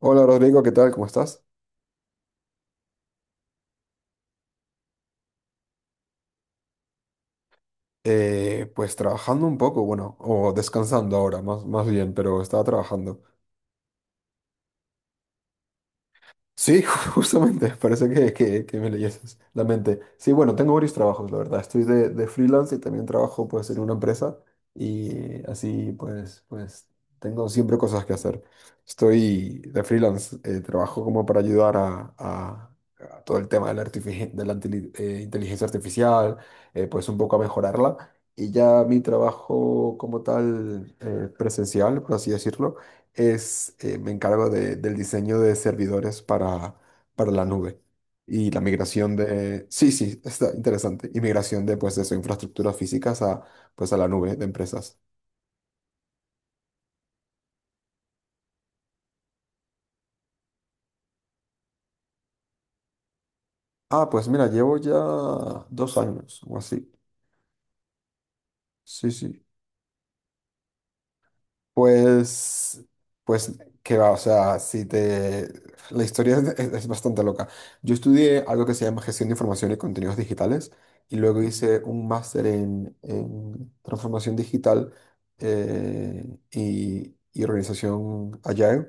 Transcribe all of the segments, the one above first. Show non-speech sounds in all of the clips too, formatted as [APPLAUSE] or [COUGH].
Hola Rodrigo, ¿qué tal? ¿Cómo estás? Pues trabajando un poco, bueno, o descansando ahora, más bien, pero estaba trabajando. Sí, [LAUGHS] justamente, parece que me leyeses la mente. Sí, bueno, tengo varios trabajos, la verdad. Estoy de freelance y también trabajo pues en una empresa. Y así pues tengo siempre cosas que hacer. Estoy de freelance, trabajo como para ayudar a todo el tema de la inteligencia artificial, pues un poco a mejorarla. Y ya mi trabajo como tal, presencial, por así decirlo, es, me encargo del diseño de servidores para la nube y la migración de, sí, sí, está interesante, y migración de, pues, de sus infraestructuras físicas a, pues, a la nube de empresas. Ah, pues mira, llevo ya 2 años o así. Sí, sí. Pues, pues, qué va, o sea, si te... La historia es bastante loca. Yo estudié algo que se llama Gestión de Información y Contenidos Digitales, y luego hice un máster en Transformación Digital, y Organización Agile.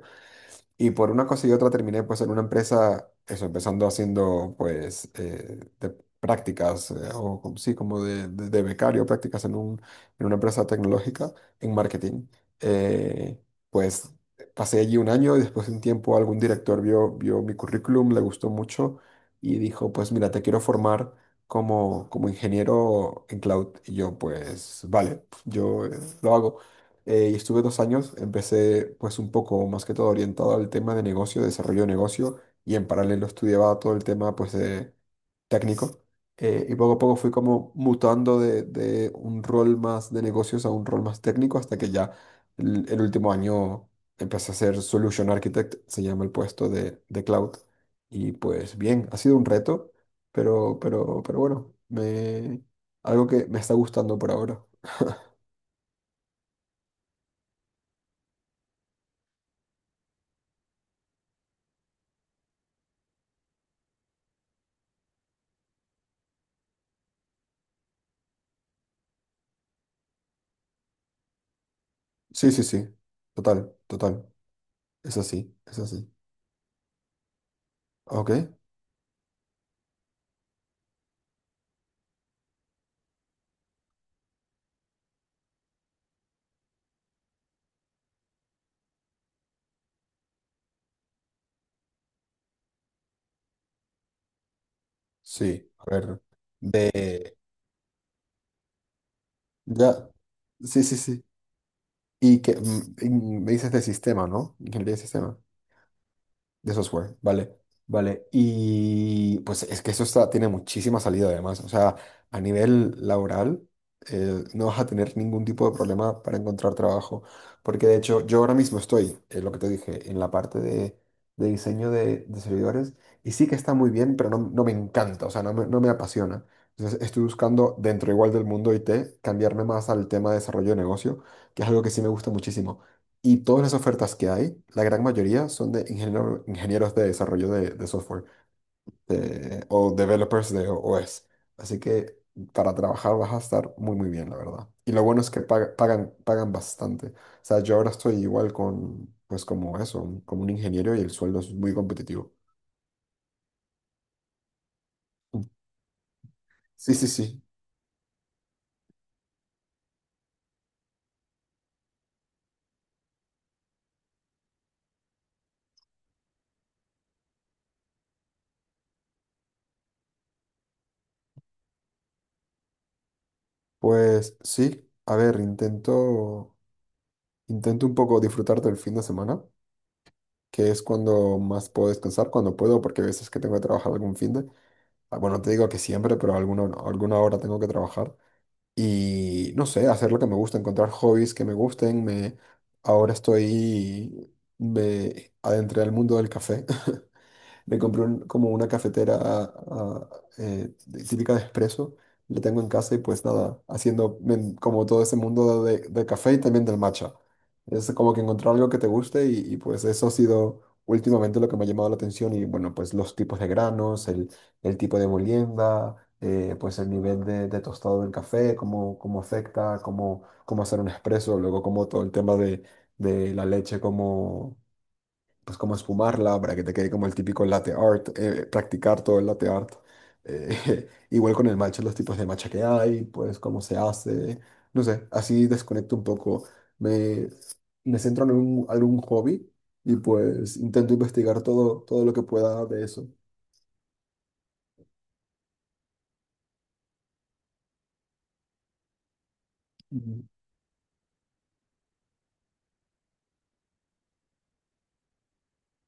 Y por una cosa y otra terminé pues en una empresa, eso, empezando haciendo pues de prácticas, sí, como de becario, prácticas en una empresa tecnológica, en marketing. Eh, pues pasé allí un año y después de un tiempo algún director vio mi currículum, le gustó mucho y dijo, pues mira, te quiero formar como ingeniero en cloud. Y yo pues, vale, yo, lo hago. Y estuve 2 años, empecé pues un poco más que todo orientado al tema de negocio, desarrollo de negocio, y en paralelo estudiaba todo el tema pues de técnico. Y poco a poco fui como mutando de un rol más de negocios a un rol más técnico, hasta que ya el último año empecé a ser Solution Architect, se llama el puesto de cloud. Y pues bien, ha sido un reto, pero bueno, algo que me está gustando por ahora. Sí, sí, sí, total, total. Es así, es así. Ok, sí, a ver. De. Ya. Sí, sí, sí. Y que me dices de sistema, ¿no? Ingeniería de sistema. De software, vale, vale. Y pues es que eso está, tiene muchísima salida además. O sea, a nivel laboral, no vas a tener ningún tipo de problema para encontrar trabajo. Porque de hecho, yo ahora mismo estoy, lo que te dije, en la parte de diseño de servidores. Y sí que está muy bien, pero no, no me encanta, o sea, no me apasiona. Entonces estoy buscando dentro igual del mundo IT, cambiarme más al tema de desarrollo de negocio, que es algo que sí me gusta muchísimo. Y todas las ofertas que hay, la gran mayoría son de ingenieros de desarrollo de software, o developers de OS. Así que para trabajar vas a estar muy, muy bien, la verdad. Y lo bueno es que pagan bastante. O sea, yo ahora estoy igual con, pues como eso, como un ingeniero y el sueldo es muy competitivo. Sí, sí, sí. Pues sí, a ver, intento un poco disfrutar del fin de semana, que es cuando más puedo descansar, cuando puedo, porque a veces que tengo que trabajar algún fin de... ah, bueno, no te digo que siempre, pero alguna hora tengo que trabajar. Y no sé, hacer lo que me gusta, encontrar hobbies que me gusten. Ahora estoy, me adentré al mundo del café. [LAUGHS] Me compré como una cafetera, eh, típica de espresso. La tengo en casa y pues nada, haciendo como todo ese mundo de café y también del matcha. Es como que encontrar algo que te guste y, pues eso ha sido últimamente lo que me ha llamado la atención. Y bueno, pues los tipos de granos, el tipo de molienda, pues el nivel de tostado del café, cómo afecta, cómo hacer un espresso, luego como todo el tema de la leche, cómo esfumarla para que te quede como el típico latte art, practicar todo el latte art. [LAUGHS] Igual con el matcha, los tipos de matcha que hay, pues cómo se hace, no sé, así desconecto un poco, me, me centro en algún hobby y pues intento investigar todo lo que pueda de eso.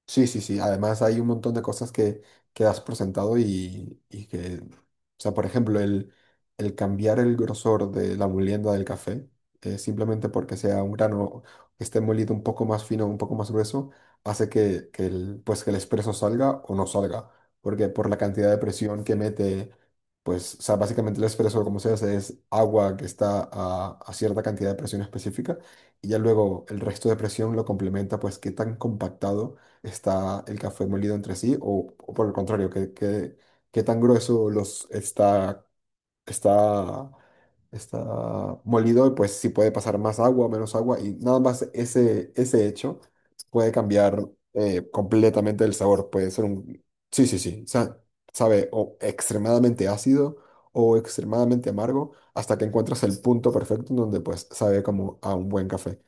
Sí, sí, sí. Además hay un montón de cosas que das por sentado y que, o sea, por ejemplo, el cambiar el grosor de la molienda del café, simplemente porque sea un grano que esté molido un poco más fino, un poco más grueso, hace que el, pues, que el espresso salga o no salga, porque por la cantidad de presión que mete, pues, o sea, básicamente el espresso, como se hace, es agua que está a cierta cantidad de presión específica, y ya luego el resto de presión lo complementa, pues, qué tan compactado está el café molido entre sí, o por el contrario, qué tan grueso los está, está molido, y pues sí puede pasar más agua, menos agua, y nada más ese hecho puede cambiar, completamente el sabor. Puede ser un... Sí, sí, sí. Sabe o extremadamente ácido o extremadamente amargo hasta que encuentras el punto perfecto en donde pues sabe como a un buen café.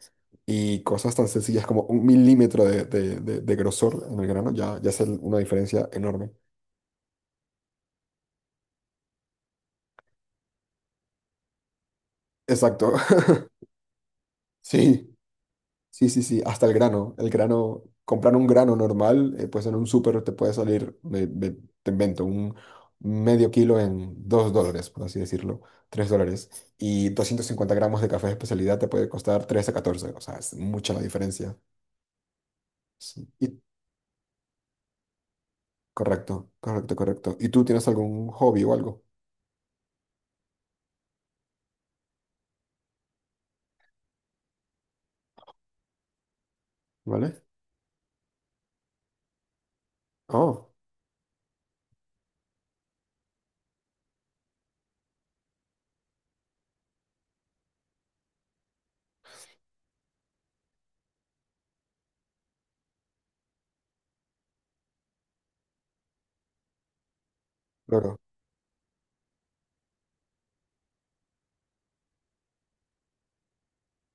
Y cosas tan sencillas como un milímetro de grosor en el grano, ya es una diferencia enorme. Exacto. [LAUGHS] Sí. Sí, sí, sí, hasta el grano. El grano, comprar un grano normal, pues en un súper te puede salir, te invento, un medio kilo en $2, por así decirlo, $3. Y 250 gramos de café de especialidad te puede costar 13 a 14. O sea, es mucha la diferencia. Sí. Y, correcto, correcto, correcto. ¿Y tú tienes algún hobby o algo? ¿Vale? Oh, claro.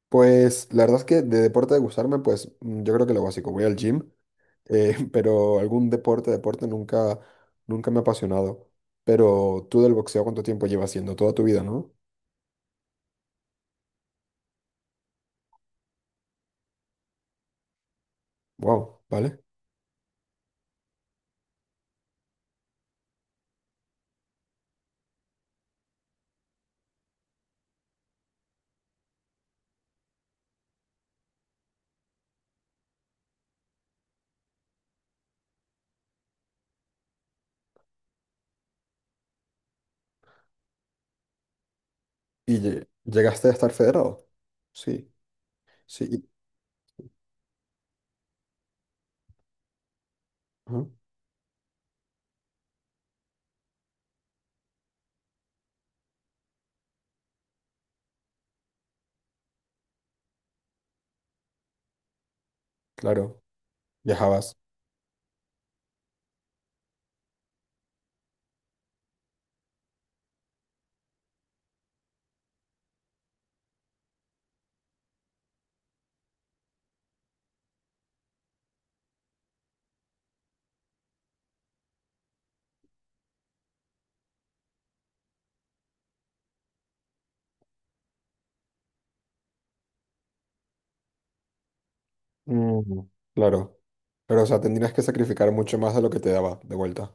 Pues la verdad es que de deporte de gustarme, pues yo creo que lo básico, voy al gym. [LAUGHS] Pero algún deporte nunca me ha apasionado. Pero tú del boxeo, ¿cuánto tiempo llevas haciendo? Toda tu vida, ¿no? Wow, ¿vale? ¿Y llegaste a estar federado? Sí, sí, ajá, claro, viajabas. Mm, claro, pero o sea, tendrías que sacrificar mucho más de lo que te daba de vuelta.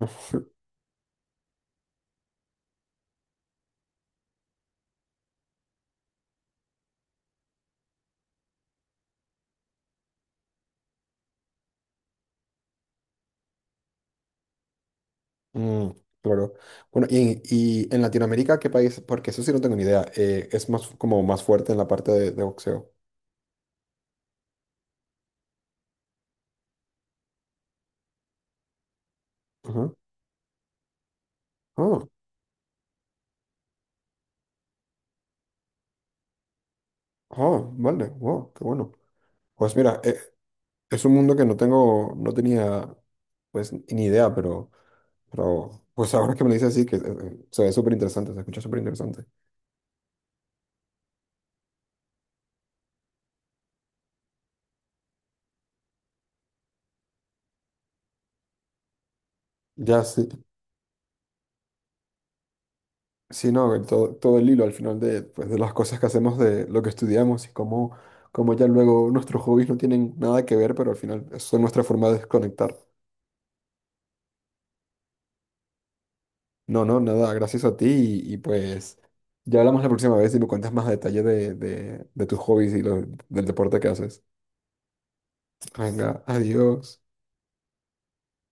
[LAUGHS] Mm, claro. Bueno, y en Latinoamérica, ¿qué país? Porque eso sí no tengo ni idea. Es más como más fuerte en la parte de boxeo? Ajá. Ah, vale, wow, qué bueno. Pues mira, es un mundo que no tenía pues ni idea, pero, pues ahora que me lo dices así, que se ve súper interesante, se escucha súper interesante. Ya sí, sí, no, el todo el hilo al final de, pues, de las cosas que hacemos, de lo que estudiamos y cómo ya luego nuestros hobbies no tienen nada que ver, pero al final son nuestra forma de desconectar. No, no, nada, gracias a ti y, pues ya hablamos la próxima vez y me cuentas más a detalle de tus hobbies y del deporte que haces. Venga, adiós.